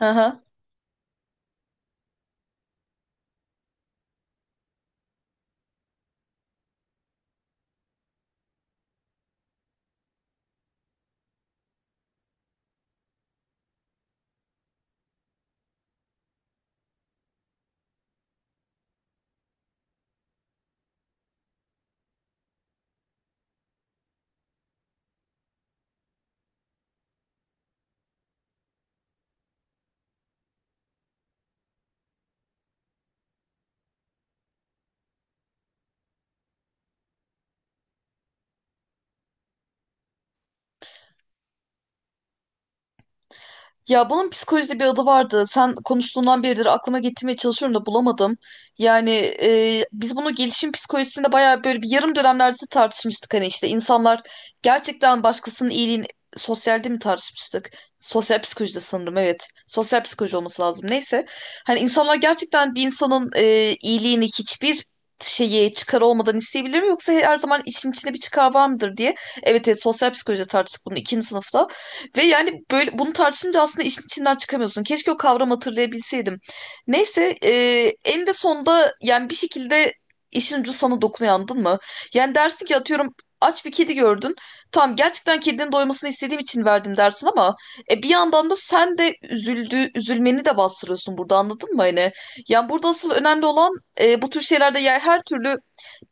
Aha. Ya bunun psikolojide bir adı vardı. Sen konuştuğundan beridir aklıma getirmeye çalışıyorum da bulamadım. Yani biz bunu gelişim psikolojisinde bayağı böyle bir yarım dönemlerde tartışmıştık. Hani işte insanlar gerçekten başkasının iyiliğini sosyalde mi tartışmıştık? Sosyal psikolojide sanırım evet. Sosyal psikoloji olması lazım. Neyse. Hani insanlar gerçekten bir insanın iyiliğini hiçbir şeye çıkar olmadan isteyebilir mi? Yoksa her zaman işin içinde bir çıkar var mıdır diye. Evet evet, sosyal psikolojide tartıştık bunu ikinci sınıfta. Ve yani böyle bunu tartışınca aslında işin içinden çıkamıyorsun. Keşke o kavramı hatırlayabilseydim. Neyse, en de sonunda yani bir şekilde işin ucu sana dokunuyor, anladın mı? Yani dersin ki atıyorum aç bir kedi gördün. Tamam, gerçekten kedinin doymasını istediğim için verdim dersin ama bir yandan da sen de üzülmeni de bastırıyorsun burada, anladın mı? Hani, yani burada asıl önemli olan bu tür şeylerde yani her türlü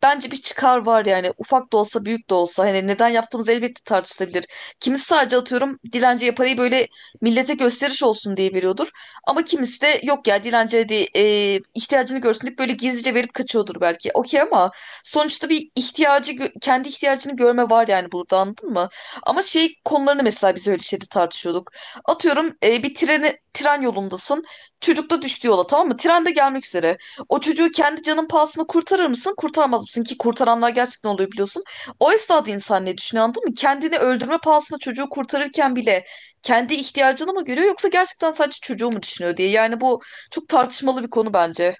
bence bir çıkar var yani, ufak da olsa büyük de olsa hani neden yaptığımız elbette tartışılabilir. Kimisi sadece atıyorum dilenciye parayı böyle millete gösteriş olsun diye veriyordur. Ama kimisi de yok ya, dilenciye de ihtiyacını görsün deyip böyle gizlice verip kaçıyordur belki. Okey, ama sonuçta bir kendi ihtiyacını görme var yani burada, anladın mı? Ama şey konularını mesela biz öyle şeyde tartışıyorduk. Atıyorum bir tren yolundasın. Çocuk da düştü yola, tamam mı? Tren de gelmek üzere. O çocuğu kendi canın pahasına kurtarır mısın? Kurtarmaz mısın? Ki kurtaranlar gerçekten oluyor, biliyorsun. O esnada insan ne düşünüyor, anladın mı? Kendini öldürme pahasına çocuğu kurtarırken bile kendi ihtiyacını mı görüyor yoksa gerçekten sadece çocuğu mu düşünüyor diye. Yani bu çok tartışmalı bir konu bence.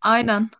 Aynen.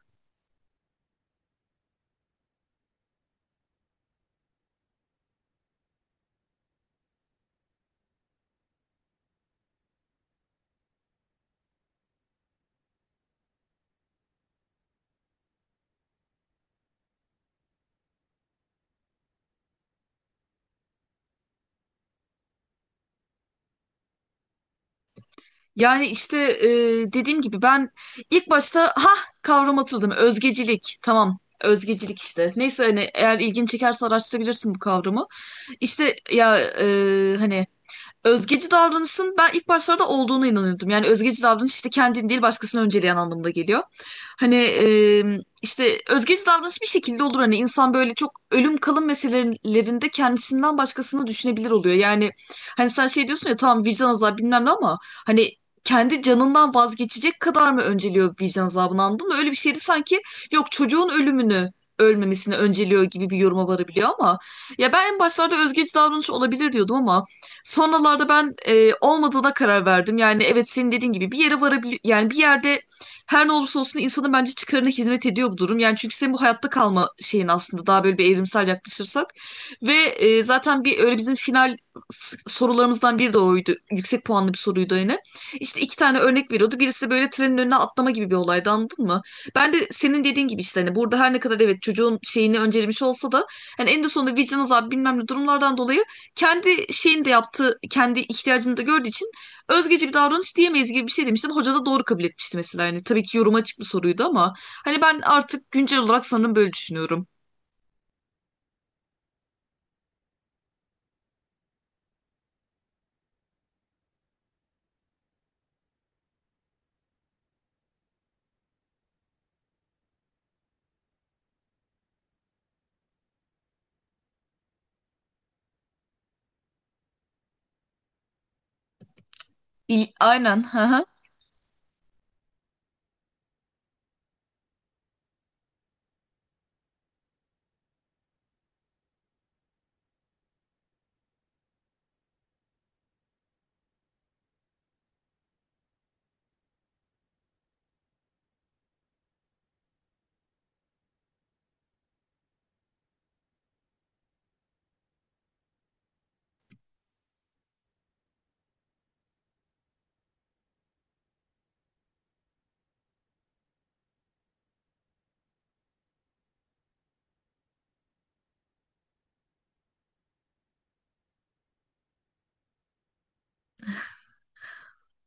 Yani işte dediğim gibi ben ilk başta ha, kavram hatırladım. Özgecilik. Tamam. Özgecilik işte. Neyse, hani eğer ilgin çekerse araştırabilirsin bu kavramı. İşte ya hani özgeci davranışın ben ilk başlarda olduğuna inanıyordum. Yani özgeci davranış işte kendini değil başkasını önceleyen anlamda geliyor. Hani işte özgeci davranış bir şekilde olur. Hani insan böyle çok ölüm kalım meselelerinde kendisinden başkasını düşünebilir oluyor. Yani hani sen şey diyorsun ya, tamam vicdan azabı bilmem ne ama hani kendi canından vazgeçecek kadar mı önceliyor vicdan azabını, anladın mı? Öyle bir şeydi sanki, yok çocuğun ölümünü ölmemesini önceliyor gibi bir yoruma varabiliyor ama ya ben en başlarda özgeci davranış olabilir diyordum ama sonralarda ben olmadığına karar verdim. Yani evet, senin dediğin gibi bir yere varabilir yani, bir yerde her ne olursa olsun insanın bence çıkarına hizmet ediyor bu durum. Yani çünkü senin bu hayatta kalma şeyin aslında daha böyle bir evrimsel yaklaşırsak ve zaten bir öyle bizim final sorularımızdan biri de oydu. Yüksek puanlı bir soruydu yine. İşte iki tane örnek veriyordu. Birisi de böyle trenin önüne atlama gibi bir olaydı, anladın mı? Ben de senin dediğin gibi işte hani burada her ne kadar evet çocuğun şeyini öncelemiş olsa da hani en de sonunda vicdan azabı bilmem ne durumlardan dolayı kendi şeyini de yaptığı, kendi ihtiyacını da gördüğü için özgeci bir davranış diyemeyiz gibi bir şey demiştin. Hoca da doğru kabul etmişti mesela. Yani tabii ki yoruma açık bir soruydu ama hani ben artık güncel olarak sanırım böyle düşünüyorum. İyi, aynen. Hı hı.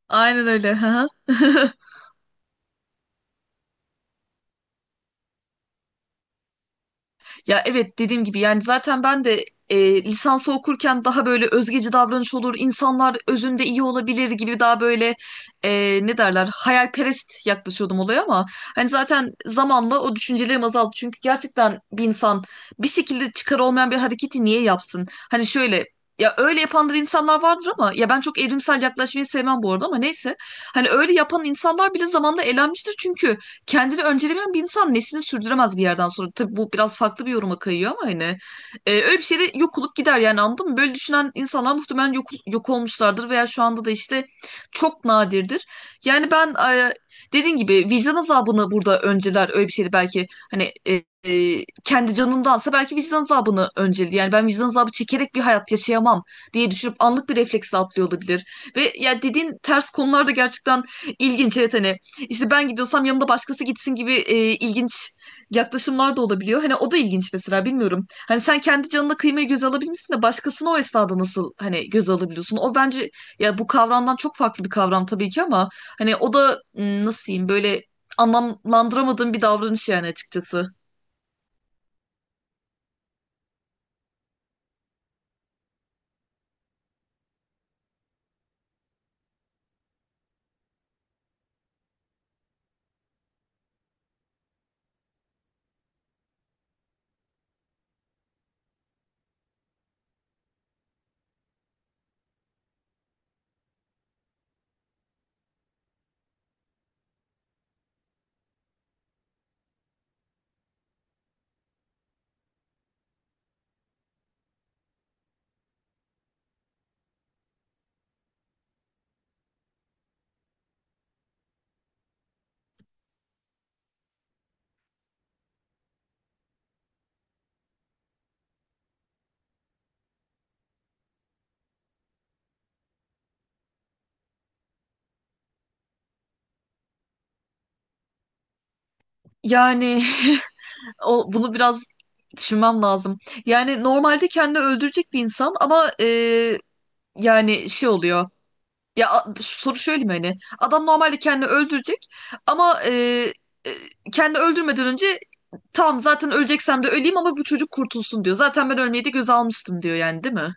Aynen öyle. Hı hı. Ya evet, dediğim gibi yani zaten ben de lisansı okurken daha böyle özgeci davranış olur, insanlar özünde iyi olabilir gibi daha böyle ne derler hayalperest yaklaşıyordum olaya ama hani zaten zamanla o düşüncelerim azaldı. Çünkü gerçekten bir insan bir şekilde çıkar olmayan bir hareketi niye yapsın? Hani şöyle, ya öyle yapanlar insanlar vardır ama ya ben çok evrimsel yaklaşmayı sevmem bu arada, ama neyse. Hani öyle yapan insanlar bile zamanla elenmiştir çünkü kendini öncelemeyen bir insan neslini sürdüremez bir yerden sonra. Tabii bu biraz farklı bir yoruma kayıyor ama hani öyle bir şeyde yok olup gider yani, anladın mı? Böyle düşünen insanlar muhtemelen yok olmuşlardır veya şu anda da işte çok nadirdir. Yani ben dediğin gibi vicdan azabını burada önceler, öyle bir şeydi belki hani kendi canındansa belki vicdan azabını önceledi. Yani ben vicdan azabı çekerek bir hayat yaşayamam diye düşünüp anlık bir refleksle atlıyor olabilir. Ve ya dediğin ters konularda gerçekten ilginç. Evet hani işte ben gidiyorsam yanımda başkası gitsin gibi ilginç yaklaşımlar da olabiliyor. Hani o da ilginç mesela, bilmiyorum. Hani sen kendi canına kıymayı göze alabilmişsin de başkasını o esnada nasıl hani göze alabiliyorsun? O bence, ya bu kavramdan çok farklı bir kavram tabii ki ama hani o da nasıl diyeyim böyle, anlamlandıramadığım bir davranış yani açıkçası. Yani bunu biraz düşünmem lazım. Yani normalde kendini öldürecek bir insan ama yani şey oluyor. Ya soru şöyle mi, hani adam normalde kendini öldürecek ama e, kendini öldürmeden önce tamam zaten öleceksem de öleyim ama bu çocuk kurtulsun diyor. Zaten ben ölmeyi de göze almıştım diyor yani, değil mi?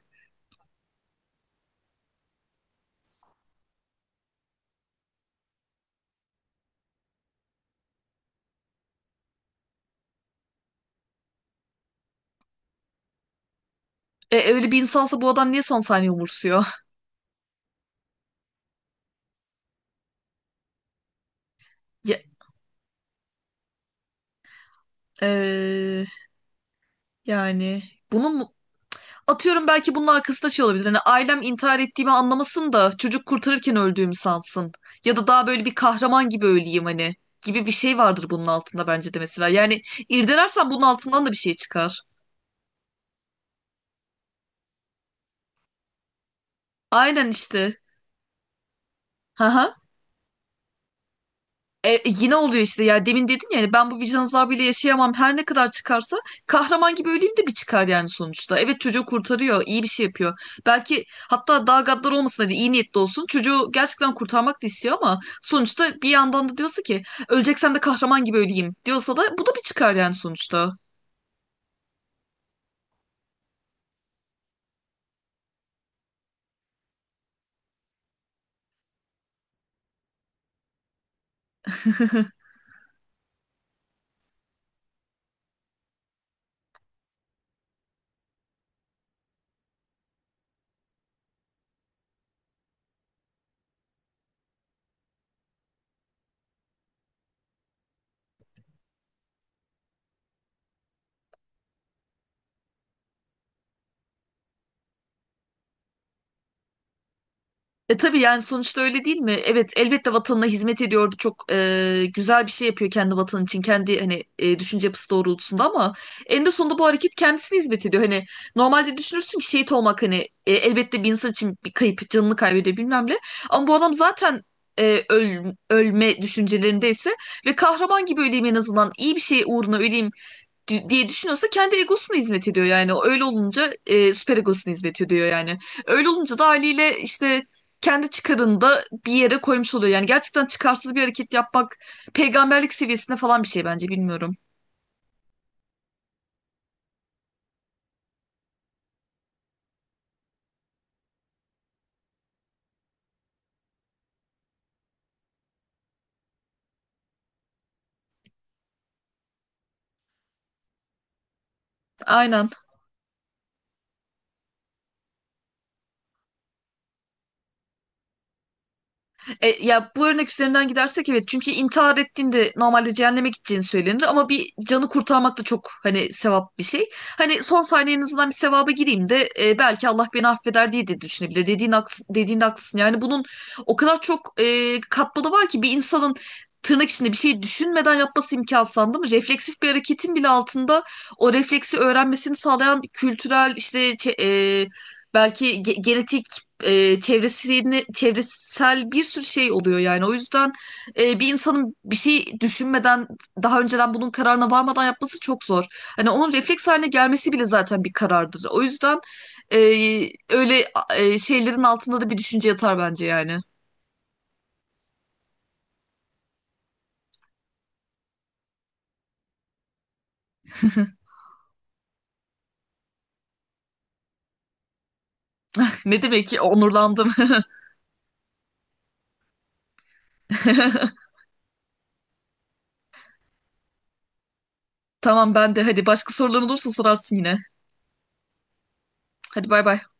E, öyle bir insansa bu adam niye son saniye umursuyor? Ya, e, yani bunun mu- atıyorum belki bunun arkasında şey olabilir. Hani ailem intihar ettiğimi anlamasın da çocuk kurtarırken öldüğümü sansın. Ya da daha böyle bir kahraman gibi öleyim hani, gibi bir şey vardır bunun altında bence de mesela. Yani irdelersen bunun altından da bir şey çıkar. Aynen işte. Hı hı. Yine oluyor işte, ya demin dedin ya hani ben bu vicdan azabıyla yaşayamam her ne kadar çıkarsa kahraman gibi öleyim de bir çıkar yani sonuçta. Evet, çocuğu kurtarıyor, iyi bir şey yapıyor. Belki hatta daha gaddar olmasın, hadi iyi niyetli olsun, çocuğu gerçekten kurtarmak da istiyor ama sonuçta bir yandan da diyorsa ki öleceksem de kahraman gibi öleyim diyorsa da bu da bir çıkar yani sonuçta. E tabii yani sonuçta öyle değil mi? Evet elbette vatanına hizmet ediyordu. Çok güzel bir şey yapıyor kendi vatanı için. Kendi hani düşünce yapısı doğrultusunda ama eninde sonunda bu hareket kendisine hizmet ediyor. Hani normalde düşünürsün ki şehit olmak hani elbette bir insan için bir kayıp, canını kaybediyor bilmem ne. Ama bu adam zaten ölme düşüncelerindeyse ve kahraman gibi öleyim en azından iyi bir şey uğruna öleyim diye düşünüyorsa kendi egosuna hizmet ediyor yani. Öyle olunca süper egosuna hizmet ediyor yani. Öyle olunca da haliyle işte kendi çıkarını da bir yere koymuş oluyor. Yani gerçekten çıkarsız bir hareket yapmak peygamberlik seviyesinde falan bir şey bence, bilmiyorum. Aynen. Ya bu örnek üzerinden gidersek evet, çünkü intihar ettiğinde normalde cehenneme gideceğini söylenir ama bir canı kurtarmak da çok hani sevap bir şey. Hani son saniye en azından bir sevaba gireyim de belki Allah beni affeder diye de düşünebilir. Dediğin haksın, dediğin haklısın. Yani bunun o kadar çok katmanı var ki bir insanın tırnak içinde bir şey düşünmeden yapması imkansız değil mi? Refleksif bir hareketin bile altında o refleksi öğrenmesini sağlayan kültürel işte belki genetik e, çevresini çevresel bir sürü şey oluyor yani. O yüzden bir insanın bir şey düşünmeden daha önceden bunun kararına varmadan yapması çok zor. Hani onun refleks haline gelmesi bile zaten bir karardır. O yüzden e, öyle şeylerin altında da bir düşünce yatar bence yani. Ne demek ki, onurlandım. Tamam, ben de hadi başka soruların olursa sorarsın yine. Hadi bay bay.